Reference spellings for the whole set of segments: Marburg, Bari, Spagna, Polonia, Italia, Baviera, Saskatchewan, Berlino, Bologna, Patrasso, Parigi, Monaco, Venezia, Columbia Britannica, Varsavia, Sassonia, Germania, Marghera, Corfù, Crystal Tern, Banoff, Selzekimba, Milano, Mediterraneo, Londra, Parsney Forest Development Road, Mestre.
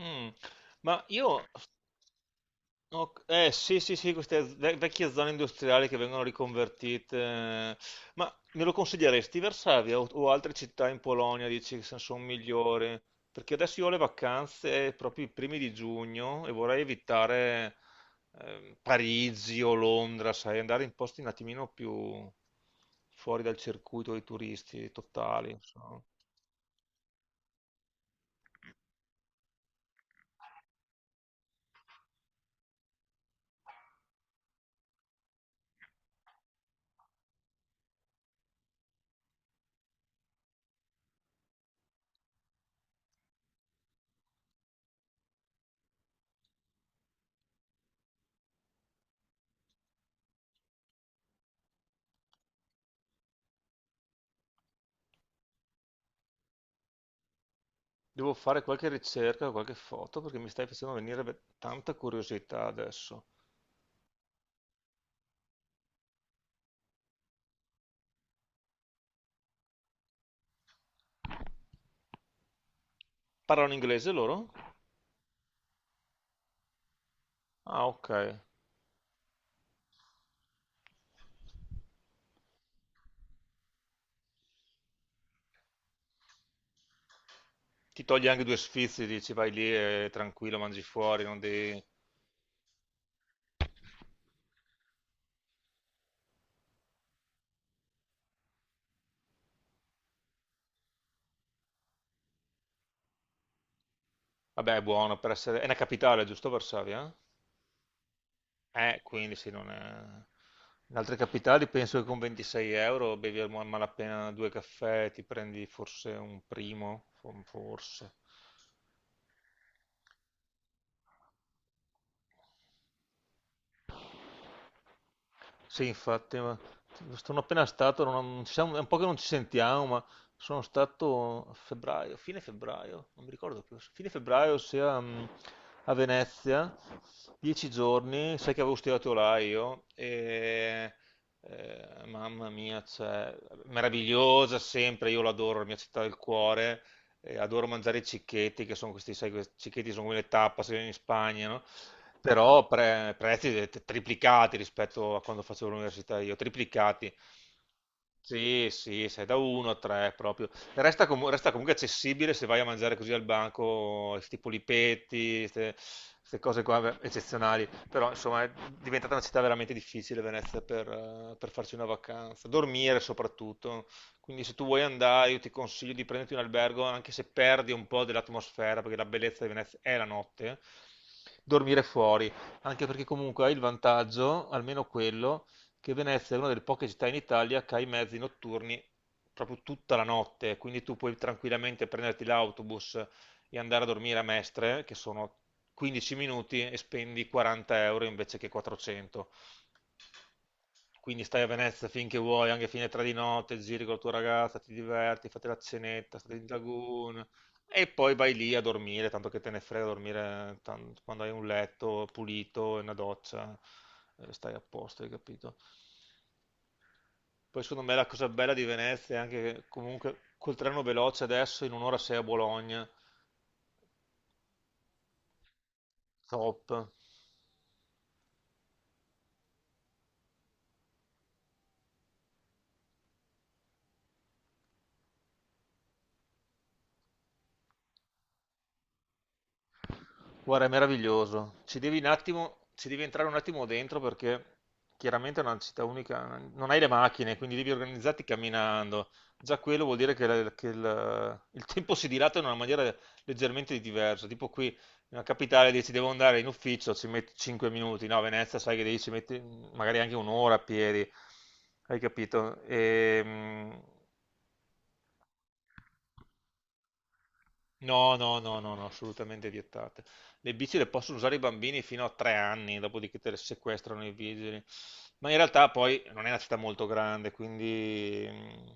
Mm. Ma io, sì sì sì, queste vecchie zone industriali che vengono riconvertite. eh, ma me lo consiglieresti Varsavia o altre città in Polonia, dici che sono migliori? Perché adesso io ho le vacanze proprio i primi di giugno e vorrei evitare Parigi o Londra, sai, andare in posti un attimino più fuori dal circuito dei turisti totali, insomma. Devo fare qualche ricerca, qualche foto, perché mi stai facendo venire tanta curiosità adesso. Parlano inglese loro? Ah, ok. Ti togli anche due sfizi, dici vai lì e tranquillo, mangi fuori, non devi... Vabbè, è buono per essere... È una capitale, giusto Varsavia? Quindi sì, non è... In altre capitali penso che con 26 euro bevi a malapena due caffè, ti prendi forse un primo, forse. Sì, infatti, ma sono appena stato, non, non è un po' che non ci sentiamo, ma sono stato a febbraio, fine febbraio, non mi ricordo più, fine febbraio sia a Venezia, 10 giorni, sai che avevo studiato là io. E mamma mia, meravigliosa sempre, io l'adoro, la mia città del cuore. Adoro mangiare i cicchetti, che sono questi, sai, questi cicchetti sono come le tapas in Spagna, no? Però prezzi triplicati rispetto a quando facevo l'università io, triplicati. Sì, sì, sei da 1 a 3 proprio. Resta, resta comunque accessibile se vai a mangiare così al banco, tipo lipetti, queste cose qua, beh, eccezionali. Però insomma è diventata una città veramente difficile Venezia per farci una vacanza, dormire soprattutto. Quindi se tu vuoi andare, io ti consiglio di prenderti un albergo, anche se perdi un po' dell'atmosfera, perché la bellezza di Venezia è la notte, dormire fuori, anche perché comunque hai il vantaggio, almeno quello, che Venezia è una delle poche città in Italia che ha i mezzi notturni proprio tutta la notte, quindi tu puoi tranquillamente prenderti l'autobus e andare a dormire a Mestre, che sono 15 minuti e spendi 40 euro invece che 400. Quindi stai a Venezia finché vuoi, anche fine tre di notte, giri con la tua ragazza, ti diverti, fate la cenetta, state in lagoon e poi vai lì a dormire, tanto che te ne frega dormire quando hai un letto pulito e una doccia, stai a posto, hai capito? Poi secondo me la cosa bella di Venezia è anche che comunque col treno veloce adesso in un'ora sei a Bologna, top. Guarda, è meraviglioso. Ci devi un attimo, ci devi entrare un attimo dentro perché chiaramente è una città unica, non hai le macchine, quindi devi organizzarti camminando. Già quello vuol dire che il tempo si dilata in una maniera leggermente diversa. Tipo qui, nella capitale, dici devo andare in ufficio, ci metti 5 minuti. No, a Venezia sai che devi ci metti magari anche un'ora a piedi. Hai capito? No, no, no, no, no, assolutamente vietate. Le bici le possono usare i bambini fino a 3 anni, dopodiché te le sequestrano i vigili. Ma in realtà poi non è una città molto grande, quindi...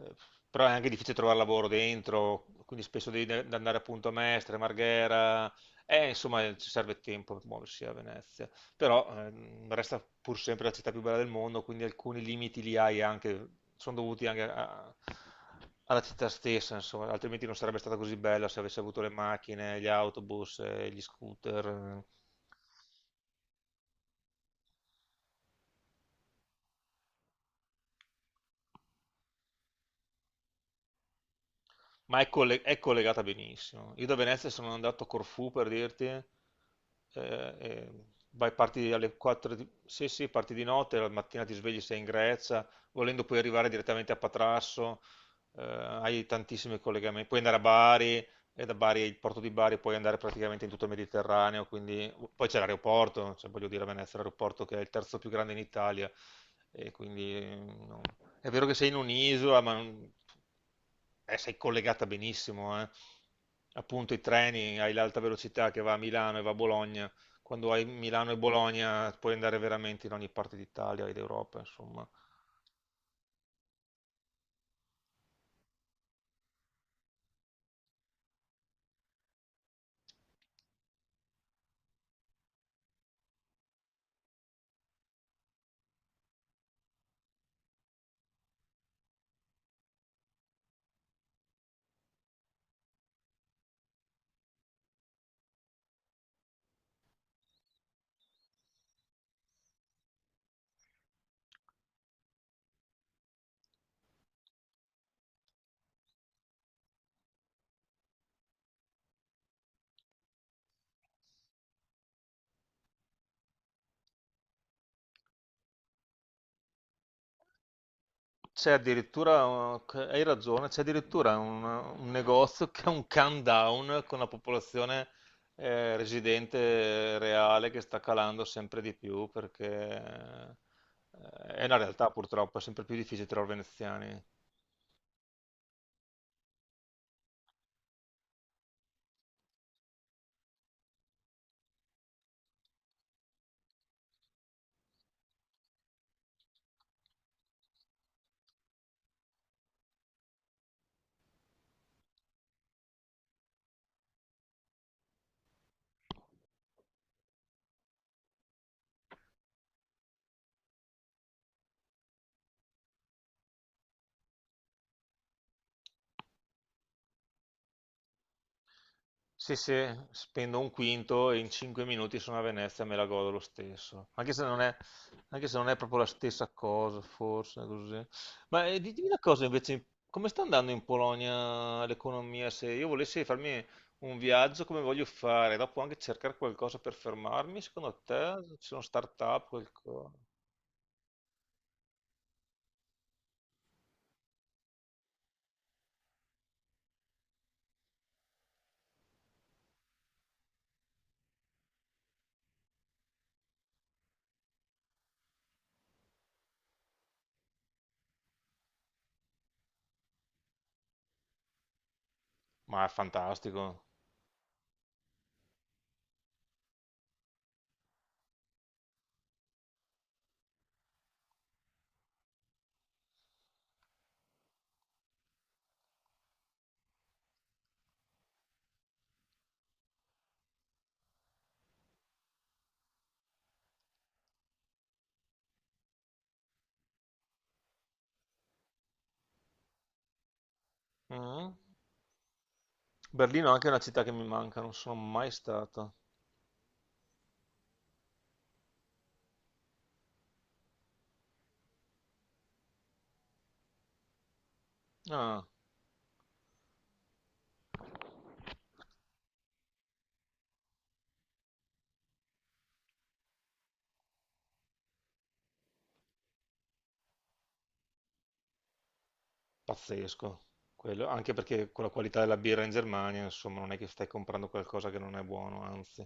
eh, però è anche difficile trovare lavoro dentro, quindi spesso devi andare appunto a Mestre, Marghera, e insomma ci serve tempo per muoversi a Venezia, però resta pur sempre la città più bella del mondo, quindi alcuni limiti li hai anche, sono dovuti anche alla città stessa, insomma, altrimenti non sarebbe stata così bella se avesse avuto le macchine, gli autobus, gli scooter. Ma è, è collegata benissimo. Io da Venezia sono andato a Corfù per dirti. E Vai, parti alle 4 di... Sì, sì, parti di notte, la mattina ti svegli, sei in Grecia, volendo puoi arrivare direttamente a Patrasso. Hai tantissimi collegamenti, puoi andare a Bari, e da Bari, il porto di Bari puoi andare praticamente in tutto il Mediterraneo, quindi poi c'è l'aeroporto, cioè, voglio dire a Venezia è l'aeroporto che è il terzo più grande in Italia, e quindi no. è vero che sei in un'isola, ma sei collegata benissimo, eh. Appunto i treni, hai l'alta velocità che va a Milano e va a Bologna, quando hai Milano e Bologna puoi andare veramente in ogni parte d'Italia e d'Europa, insomma. C'è addirittura, hai ragione, c'è addirittura un negozio che ha un countdown con la popolazione residente reale che sta calando sempre di più perché è una realtà purtroppo, è sempre più difficile trovare veneziani. Sì, sì, spendo un quinto e in 5 minuti sono a Venezia e me la godo lo stesso. Anche se non è, anche se non è proprio la stessa cosa, forse, così. Ditemi una cosa invece, come sta andando in Polonia l'economia? Se io volessi farmi un viaggio come voglio fare, dopo anche cercare qualcosa per fermarmi, secondo te ci sono start-up, qualcosa? Ma è fantastico. Mm. Berlino è anche una città che mi manca, non sono mai stato. Ah. Pazzesco, quello, anche perché con la qualità della birra in Germania, insomma, non è che stai comprando qualcosa che non è buono, anzi.